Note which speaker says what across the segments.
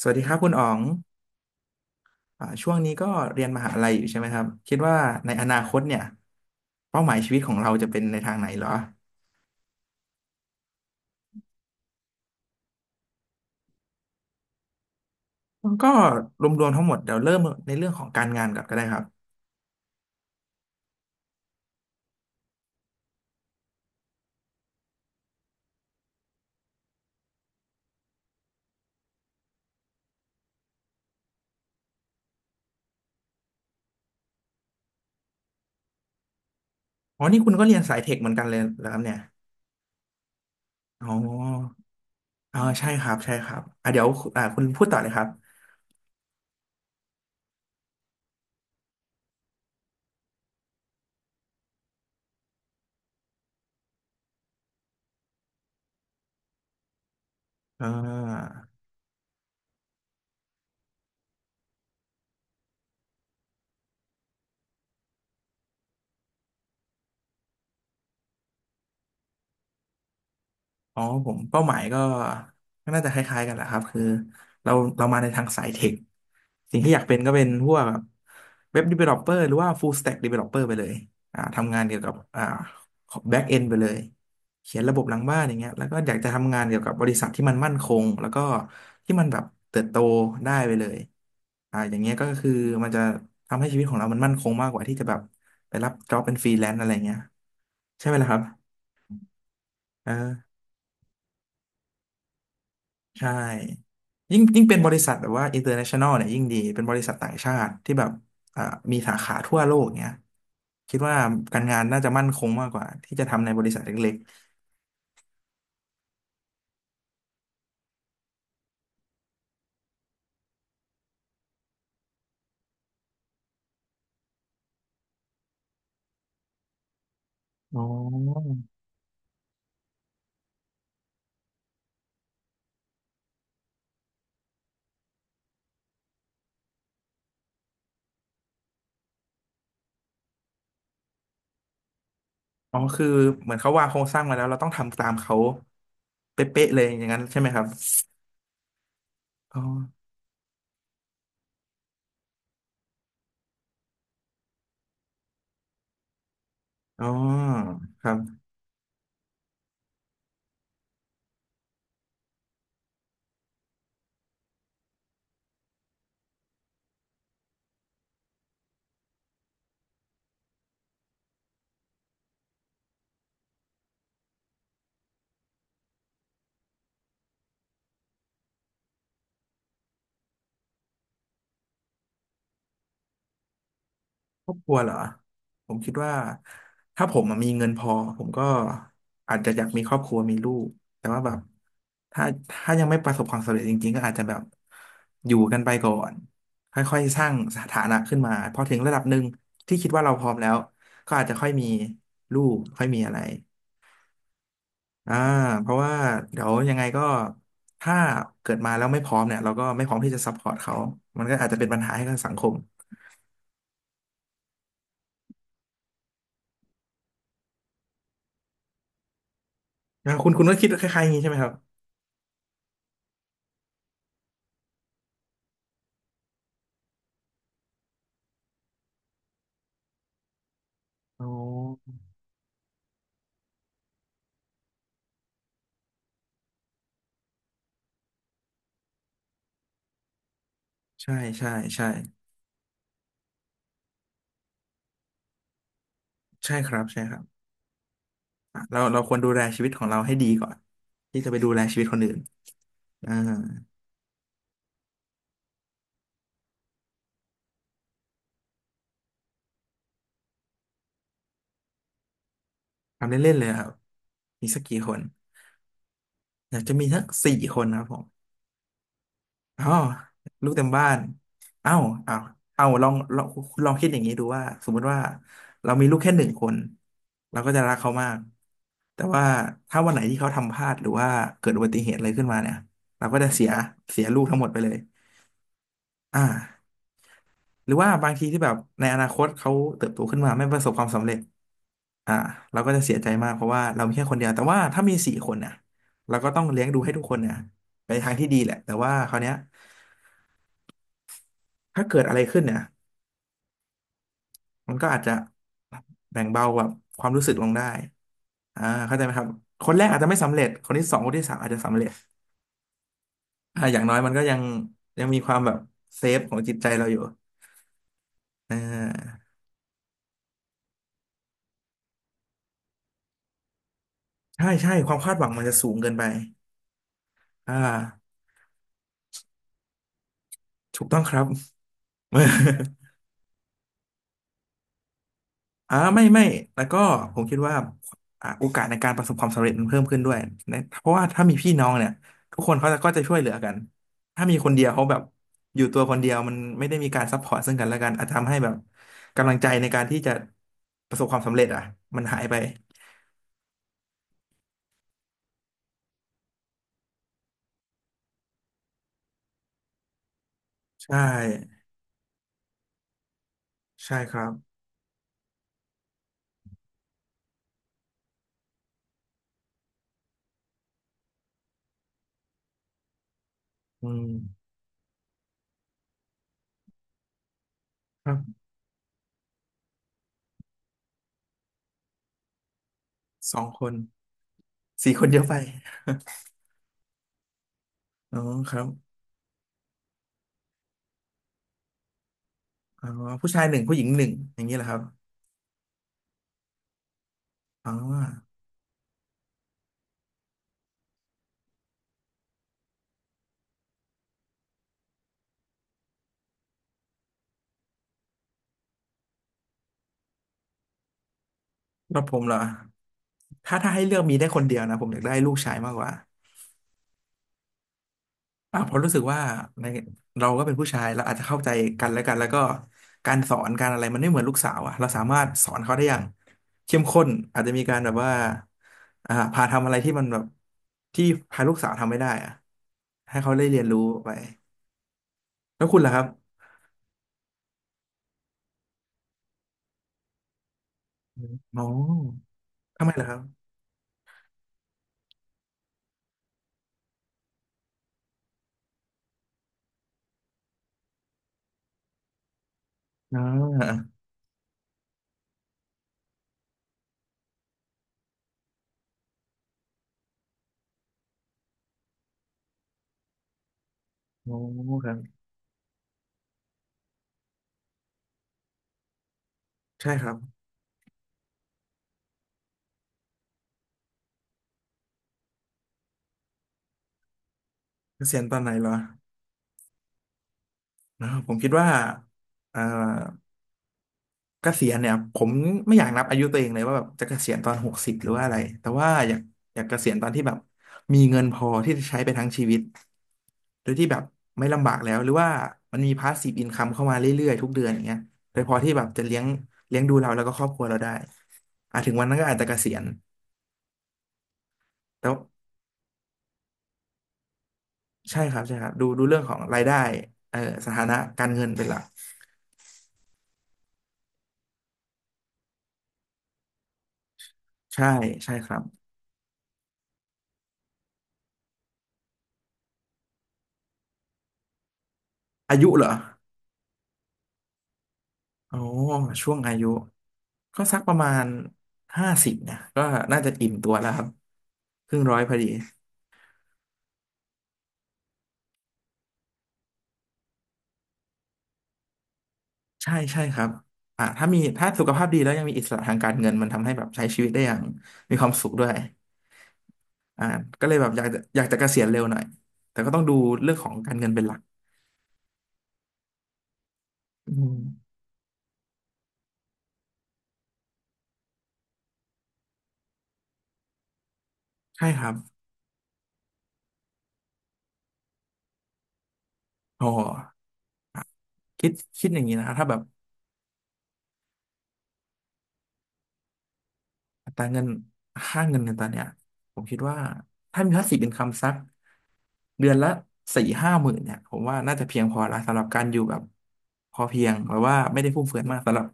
Speaker 1: สวัสดีครับคุณอ๋องช่วงนี้ก็เรียนมหาลัยอยู่ใช่ไหมครับคิดว่าในอนาคตเนี่ยเป้าหมายชีวิตของเราจะเป็นในทางไหนเหรอก็รวมๆทั้งหมดเดี๋ยวเริ่มในเรื่องของการงานก่อนก็ได้ครับอ๋อนี่คุณก็เรียนสายเทคเหมือนกันเลยเหรอครับเนี่ยอ๋ออ๋อใช่ครับใช่ครับอ่ะเดี๋ยวคุณพูดต่อเลยครับอ่า อ๋อผมเป้าหมายก็ก็น่าจะคล้ายๆกันแหละครับคือเราเรามาในทางสายเทคสิ่งที่อยากเป็นก็เป็นพวกแบบเว็บ developer หรือว่า full stack developer ไปเลยทำงานเกี่ยวกับback end ไปเลยเขียนระบบหลังบ้านอย่างเงี้ยแล้วก็อยากจะทำงานเกี่ยวกับบริษัทที่มันมั่นคงแล้วก็ที่มันแบบเติบโตได้ไปเลยอย่างเงี้ยก็คือมันจะทำให้ชีวิตของเรามันมั่นคงมากกว่าที่จะแบบไปรับ job เป็นฟรีแลนซ์อะไรเงี้ยใช่ไหมล่ะครับเออ ใช่ยิ่งเป็นบริษัทแบบว่า international เนี่ยยิ่งดีเป็นบริษัทต่างชาติที่แบบอ่ามีสาขาทั่วโลกเนี้ยคิดว่าการงานน่าจะมั่นคงมากกว่าที่จะทำในบริษัทเล็กๆอ๋อคือเหมือนเขาวางโครงสร้างมาแล้วเราต้องทำตามเขาเป๊ะๆเลยอย่างนั้นใช่ไหมครับอ๋ออ๋อครับ ครอบครัวเหรอผมคิดว่าถ้าผมอะมีเงินพอผมก็อาจจะอยากมีครอบครัวมีลูกแต่ว่าแบบถ้าถ้ายังไม่ประสบความสำเร็จจริงๆก็อาจจะแบบอยู่กันไปก่อนค่อยๆสร้างสถานะขึ้นมาพอถึงระดับหนึ่งที่คิดว่าเราพร้อมแล้วก็อาจจะค่อยมีลูกค่อยมีอะไรอ่าเพราะว่าเดี๋ยวยังไงก็ถ้าเกิดมาแล้วไม่พร้อมเนี่ยเราก็ไม่พร้อมที่จะซัพพอร์ตเขามันก็อาจจะเป็นปัญหาให้กับสังคมคุณก็คิดคล้ายๆอย่างนี้ใช่ไหมครับอ๋อ ใช่ใช่ใช่ใช่ครับใช่ครับอ่ะเราควรดูแลชีวิตของเราให้ดีก่อนที่จะไปดูแลชีวิตคนอื่นอ่าทำเล่นๆเลยครับมีสักกี่คนอยากจะมีสักสี่คนครับผมอ๋อลูกเต็มบ้านเอ้าเอ้าเอ้าลองคุณลองคิดอย่างนี้ดูว่าสมมุติว่าเรามีลูกแค่หนึ่งคนเราก็จะรักเขามากแต่ว่าถ้าวันไหนที่เขาทำพลาดหรือว่าเกิดอุบัติเหตุอะไรขึ้นมาเนี่ยเราก็จะเสียเสียลูกทั้งหมดไปเลยอ่า หรือว่าบางทีที่แบบในอนาคตเขาเติบโตขึ้นมาไม่ประสบความสำเร็จอ่าเราก็จะเสียใจมากเพราะว่าเรามีแค่คนเดียวแต่ว่าถ้ามีสี่คนเนี่ยเราก็ต้องเลี้ยงดูให้ทุกคนเนี่ยไปทางที่ดีแหละแต่ว่าคราวเนี้ยถ้าเกิดอะไรขึ้นเนี่ยมันก็อาจจะแบ่งเบาแบบความรู้สึกลงได้เข้าใจไหมครับคนแรกอาจจะไม่สำเร็จคนที่สองคนที่สามอาจจะสำเร็จอย่างน้อยมันก็ยังมีความแบบเซฟของจิตใจเราอยู่อ่าใช่ใช่ความคาดหวังมันจะสูงเกินไปอ่าถูกต้องครับ อ่าไม่ไม่แล้วก็ผมคิดว่าโอกาสในการประสบความสำเร็จมันเพิ่มขึ้นด้วยนะเพราะว่าถ้ามีพี่น้องเนี่ยทุกคนเขาจะก็จะช่วยเหลือกันถ้ามีคนเดียวเขาแบบอยู่ตัวคนเดียวมันไม่ได้มีการซัพพอร์ตซึ่งกันและกันอาจทำให้แบบกำลังใจในการที่จะประสบความสำเร็จอ่ะมันหายไปใช่ใช่ครับอืมครับสองคนสี่คนเยอะไป อ๋อครับอ๋อผู้ชายหนึ่งผู้หญิงหนึ่งอย่างนี้แหละครับอ๋อ แล้วผมเหรอถ้าให้เลือกมีได้คนเดียวนะผมอยากได้ลูกชายมากกว่าอ่ะเพราะรู้สึกว่าในเราก็เป็นผู้ชายเราอาจจะเข้าใจกันและกันแล้วก็การสอนการอะไรมันไม่เหมือนลูกสาวอะเราสามารถสอนเขาได้อย่างเข้มข้นอาจจะมีการแบบว่าพาทำอะไรที่มันแบบที่พาลูกสาวทำไม่ได้อะให้เขาได้เรียนรู้ไปแล้วคุณล่ะครับอมอ๋อทำไมล่ะครับอ๋ออ๋อครับใช่ครับเกษียณตอนไหนเหรออ๋อผมคิดว่าอ่า เกษียณเนี่ยผมไม่อยากนับอายุตัวเองเลยว่าแบบจะเกษียณตอน60หรือว่าอะไรแต่ว่าอยากเกษียณตอนที่แบบมีเงินพอที่จะใช้ไปทั้งชีวิตโดยที่แบบไม่ลำบากแล้วหรือว่ามันมีพาสซีฟอินคัมเข้ามาเรื่อยๆทุกเดือนอย่างเงี้ยโดยพอที่แบบจะเลี้ยงดูเราแล้วก็ครอบครัวเราได้อ่ะถึงวันนั้นก็อาจจะเกษียณแต่ว่าใช่ครับใช่ครับดูเรื่องของรายได้เออสถานะการเงินเป็นหลักใช่ใช่ครับอายุเหรอ โอ้ช่วงอายุก็สักประมาณ50เนี่ยก็น่าจะอิ่มตัวแล้วครับครึ่งร้อยพอดีใช่ใช่ครับอ่าถ้ามีถ้าสุขภาพดีแล้วยังมีอิสระทางการเงินมันทำให้แบบใช้ชีวิตได้อย่างมีความสุขด้วยอ่าก็เลยแบบอยากจะเกษียณเร็วหน่อยแต่ก็ต้องดูเรื่องของการเงินเป็นหลักอืมใช่ครับพอคิดคิดอย่างนี้นะถ้าแบบอัตราเงินค่าเงินในตอนเนี้ยผมคิดว่าถ้ามีพาสซีฟอินคัมสัก เดือนละ40,000-50,000เนี่ยผมว่าน่าจะเพียงพอละสำหรับการอยู่แบบพอเพียงหรือว่าไม่ได้ฟุ่มเฟือยมากสำหรับ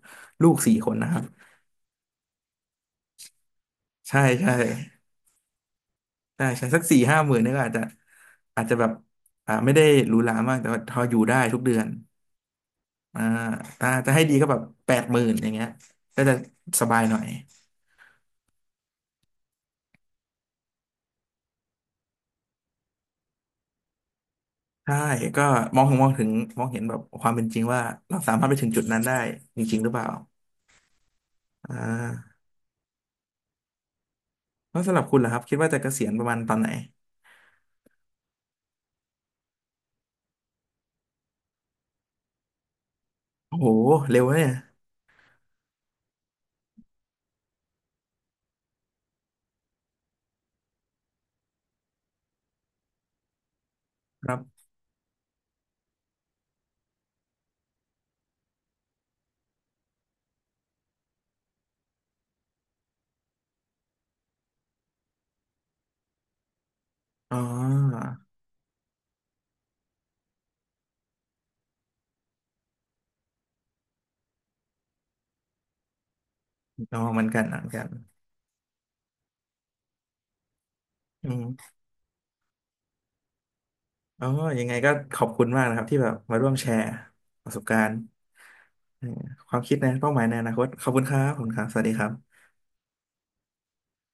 Speaker 1: ลูกสี่คนนะครับใช่ใช่ใช่ใช่สักสี่ห้าหมื่นนี่ก็อาจจะอาจจะแบบไม่ได้หรูหรามากแต่ว่าพออยู่ได้ทุกเดือนอ่าถ้าจะให้ดีก็แบบ80,000อย่างเงี้ยก็จะสบายหน่อยใช่ก็มองถึงมองเห็นแบบความเป็นจริงว่าเราสามารถไปถึงจุดนั้นได้จริงๆหรือเปล่าอ่าแล้วสำหรับคุณล่ะครับคิดว่าจะเกษียณประมาณตอนไหน โอ้โหเร็วเนี่ยครับอ๋ออ๋อเหมือนกันเหมือนกันอืมอ๋อยังไงก็ขอบคุณมากนะครับที่แบบมาร่วมแชร์ประสบการณ์เอ่อความคิดนะเป้าหมายในอนาคตขอบคุณครับขอบคุณครับสวัสดีครับ